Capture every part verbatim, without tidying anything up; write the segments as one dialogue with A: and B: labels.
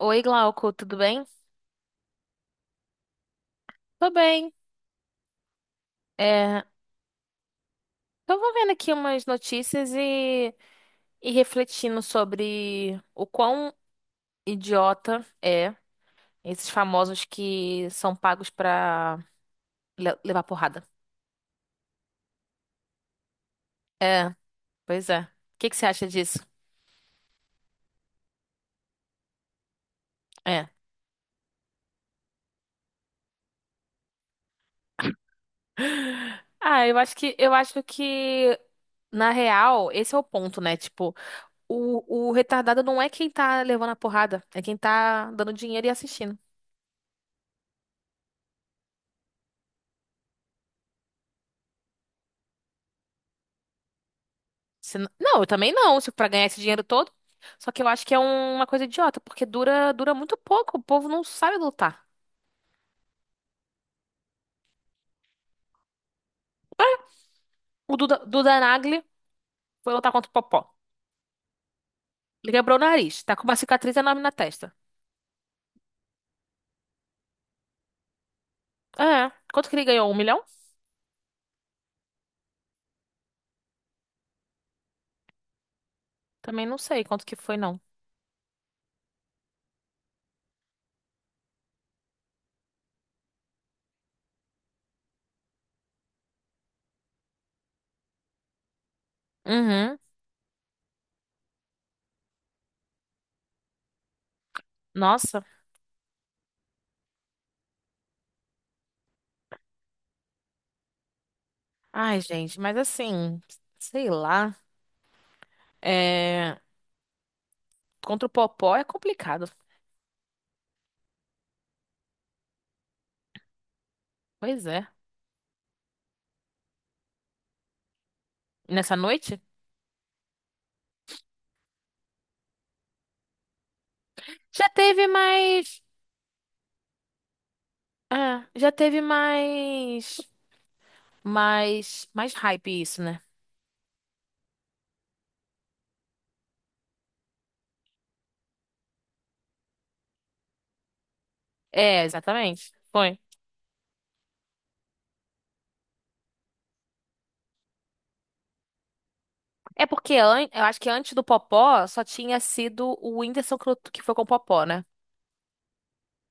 A: Oi, Glauco, tudo bem? Tô bem. É, Tô vendo aqui umas notícias e, e refletindo sobre o quão idiota é esses famosos que são pagos pra le- levar porrada. É, pois é. O que que você acha disso? É. Ah, eu acho que eu acho que na real, esse é o ponto, né? Tipo, o, o retardado não é quem tá levando a porrada, é quem tá dando dinheiro e assistindo. Se n- Não, eu também não, se pra ganhar esse dinheiro todo. Só que eu acho que é um- uma coisa idiota, porque dura, dura muito pouco, o povo não sabe lutar. O Duda, Duda Nagli foi lutar contra o Popó. Ele quebrou o nariz, tá com uma cicatriz enorme na testa. É, quanto que ele ganhou? Um milhão? Também não sei quanto que foi, não. Uhum, nossa. Ai, gente, mas assim, sei lá. É, contra o Popó é complicado. Pois é. Nessa noite? Já teve mais. Ah, já teve mais. Mais, mais hype isso, né? É, exatamente. Foi. É porque an- eu acho que antes do Popó só tinha sido o Whindersson que lut- que foi com o Popó, né?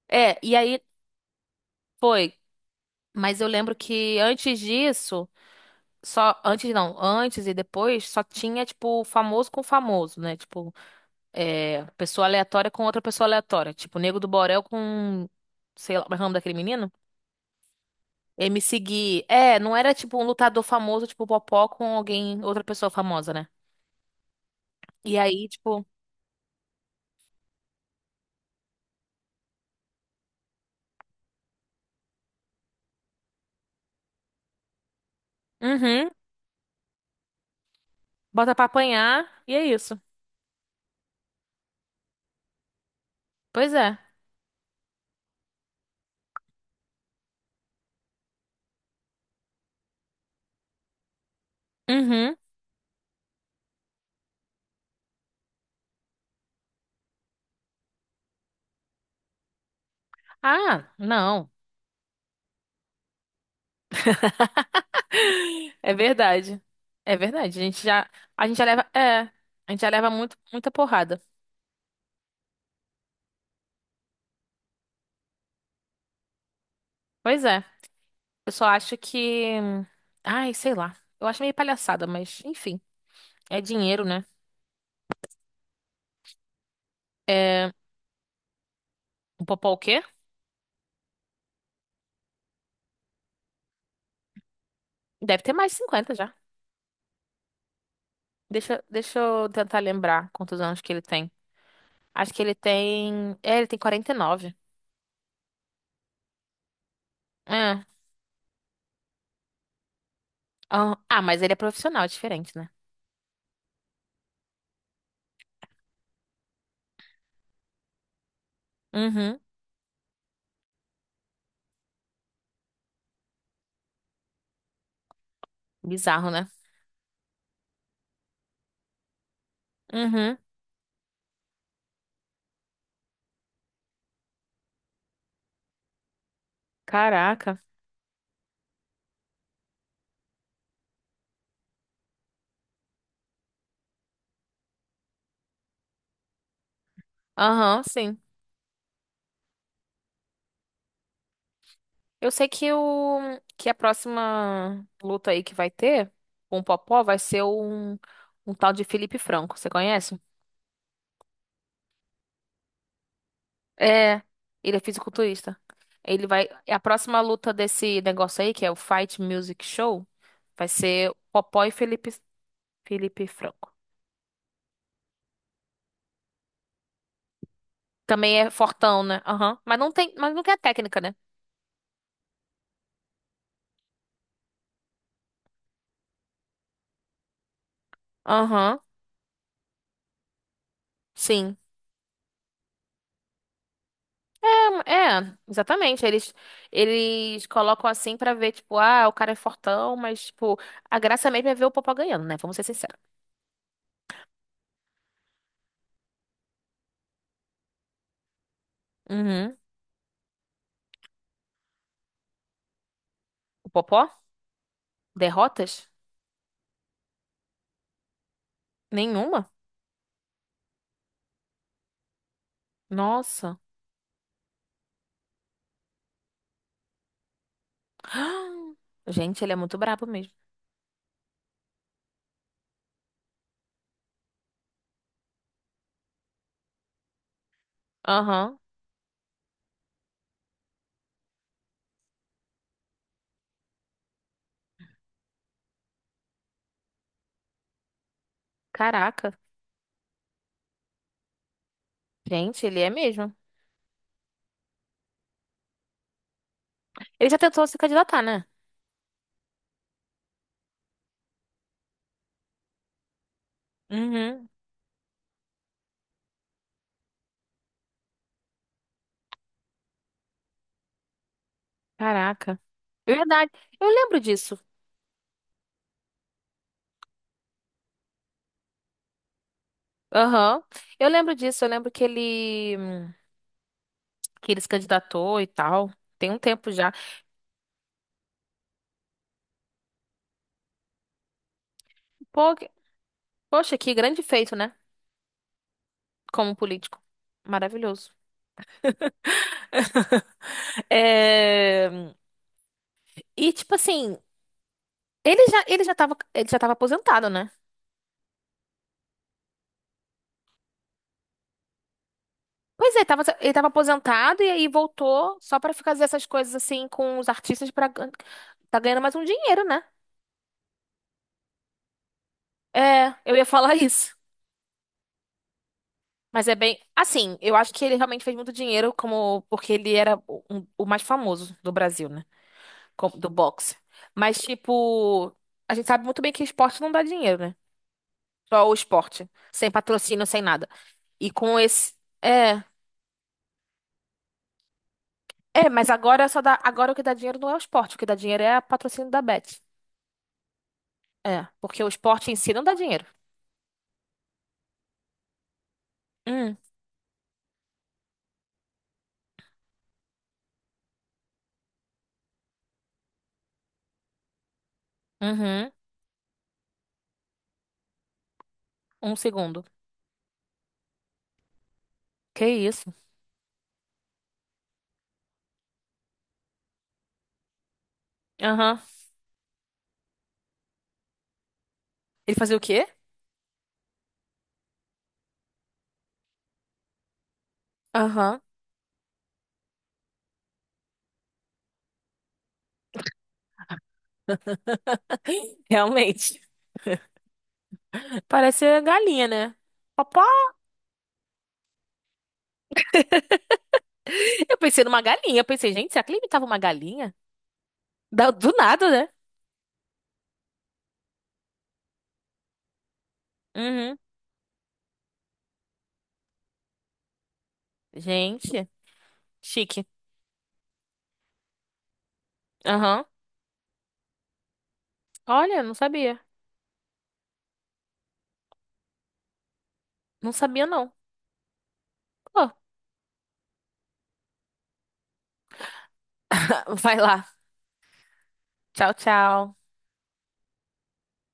A: É, e aí foi. Mas eu lembro que antes disso, só antes não, antes e depois só tinha tipo famoso com famoso, né? Tipo, é, pessoa aleatória com outra pessoa aleatória, tipo Nego do Borel com sei lá, como é o nome daquele menino? M C Gui. É, não era tipo um lutador famoso, tipo Popó com alguém, outra pessoa famosa, né? E aí, tipo, uhum, bota pra apanhar e é isso. Pois é. Uhum. Ah, não. É verdade. É verdade. A gente já, a gente já leva, é, a gente já leva muito, muita porrada. Pois é. Eu só acho que, ai, sei lá. Eu acho meio palhaçada, mas enfim, é dinheiro, né? É, o Popó o quê? Deve ter mais de cinquenta já. Deixa, deixa eu tentar lembrar quantos anos que ele tem. Acho que ele tem, é, ele tem quarenta e nove. É. Ah, ah, mas ele é profissional, é diferente, né? Uhum. Bizarro, né? Uhum. Caraca. Aham, sim. Eu sei que o que a próxima luta aí que vai ter com o Popó vai ser um, um tal de Felipe Franco. Você conhece? É. Ele é fisiculturista. Ele vai. A próxima luta desse negócio aí, que é o Fight Music Show, vai ser Popó e Felipe, Felipe Franco. Também é fortão, né? Aham. Mas não tem, mas não tem a técnica, né? Aham. Sim. É, exatamente. Eles, eles colocam assim pra ver, tipo, ah, o cara é fortão, mas, tipo, a graça mesmo é ver o Popó ganhando, né? Vamos ser sinceros. Uhum. O Popó? Derrotas? Nenhuma? Nossa. Gente, ele é muito brabo mesmo. Aham. Caraca. Gente, ele é mesmo. Ele já tentou se candidatar, né? Uhum. Caraca. Verdade. Eu lembro disso. Aham. Eu lembro disso. Eu lembro que ele, que ele se candidatou e tal. Tem um tempo já. Pô, poxa, que grande feito, né? Como político. Maravilhoso. É, e tipo assim, ele já ele já tava, ele já tava aposentado, né? Pois é, ele tava, ele tava aposentado e aí voltou só pra ficar fazendo essas coisas assim com os artistas para tá ganhando mais um dinheiro, né? É, eu ia falar isso. Mas é bem, assim, eu acho que ele realmente fez muito dinheiro como porque ele era o, um- o mais famoso do Brasil, né? Como- Do boxe. Mas tipo, a gente sabe muito bem que esporte não dá dinheiro, né? Só o esporte. Sem patrocínio, sem nada. E com esse. É. É, mas agora só dá. Agora o que dá dinheiro não é o esporte. O que dá dinheiro é o patrocínio da Bet. É. Porque o esporte em si não dá dinheiro. Hum. Uhum. Um segundo. Que isso? Aham. Ele fazia o quê? Aham. Realmente. Parece galinha, né? Papá. Eu pensei numa galinha. Eu pensei, gente, será que ele imitava uma galinha? Da- Do nada, né? Uhum. Gente, chique. Aham. Olha, não sabia. Não sabia, não. Pô. Vai lá. Tchau, tchau.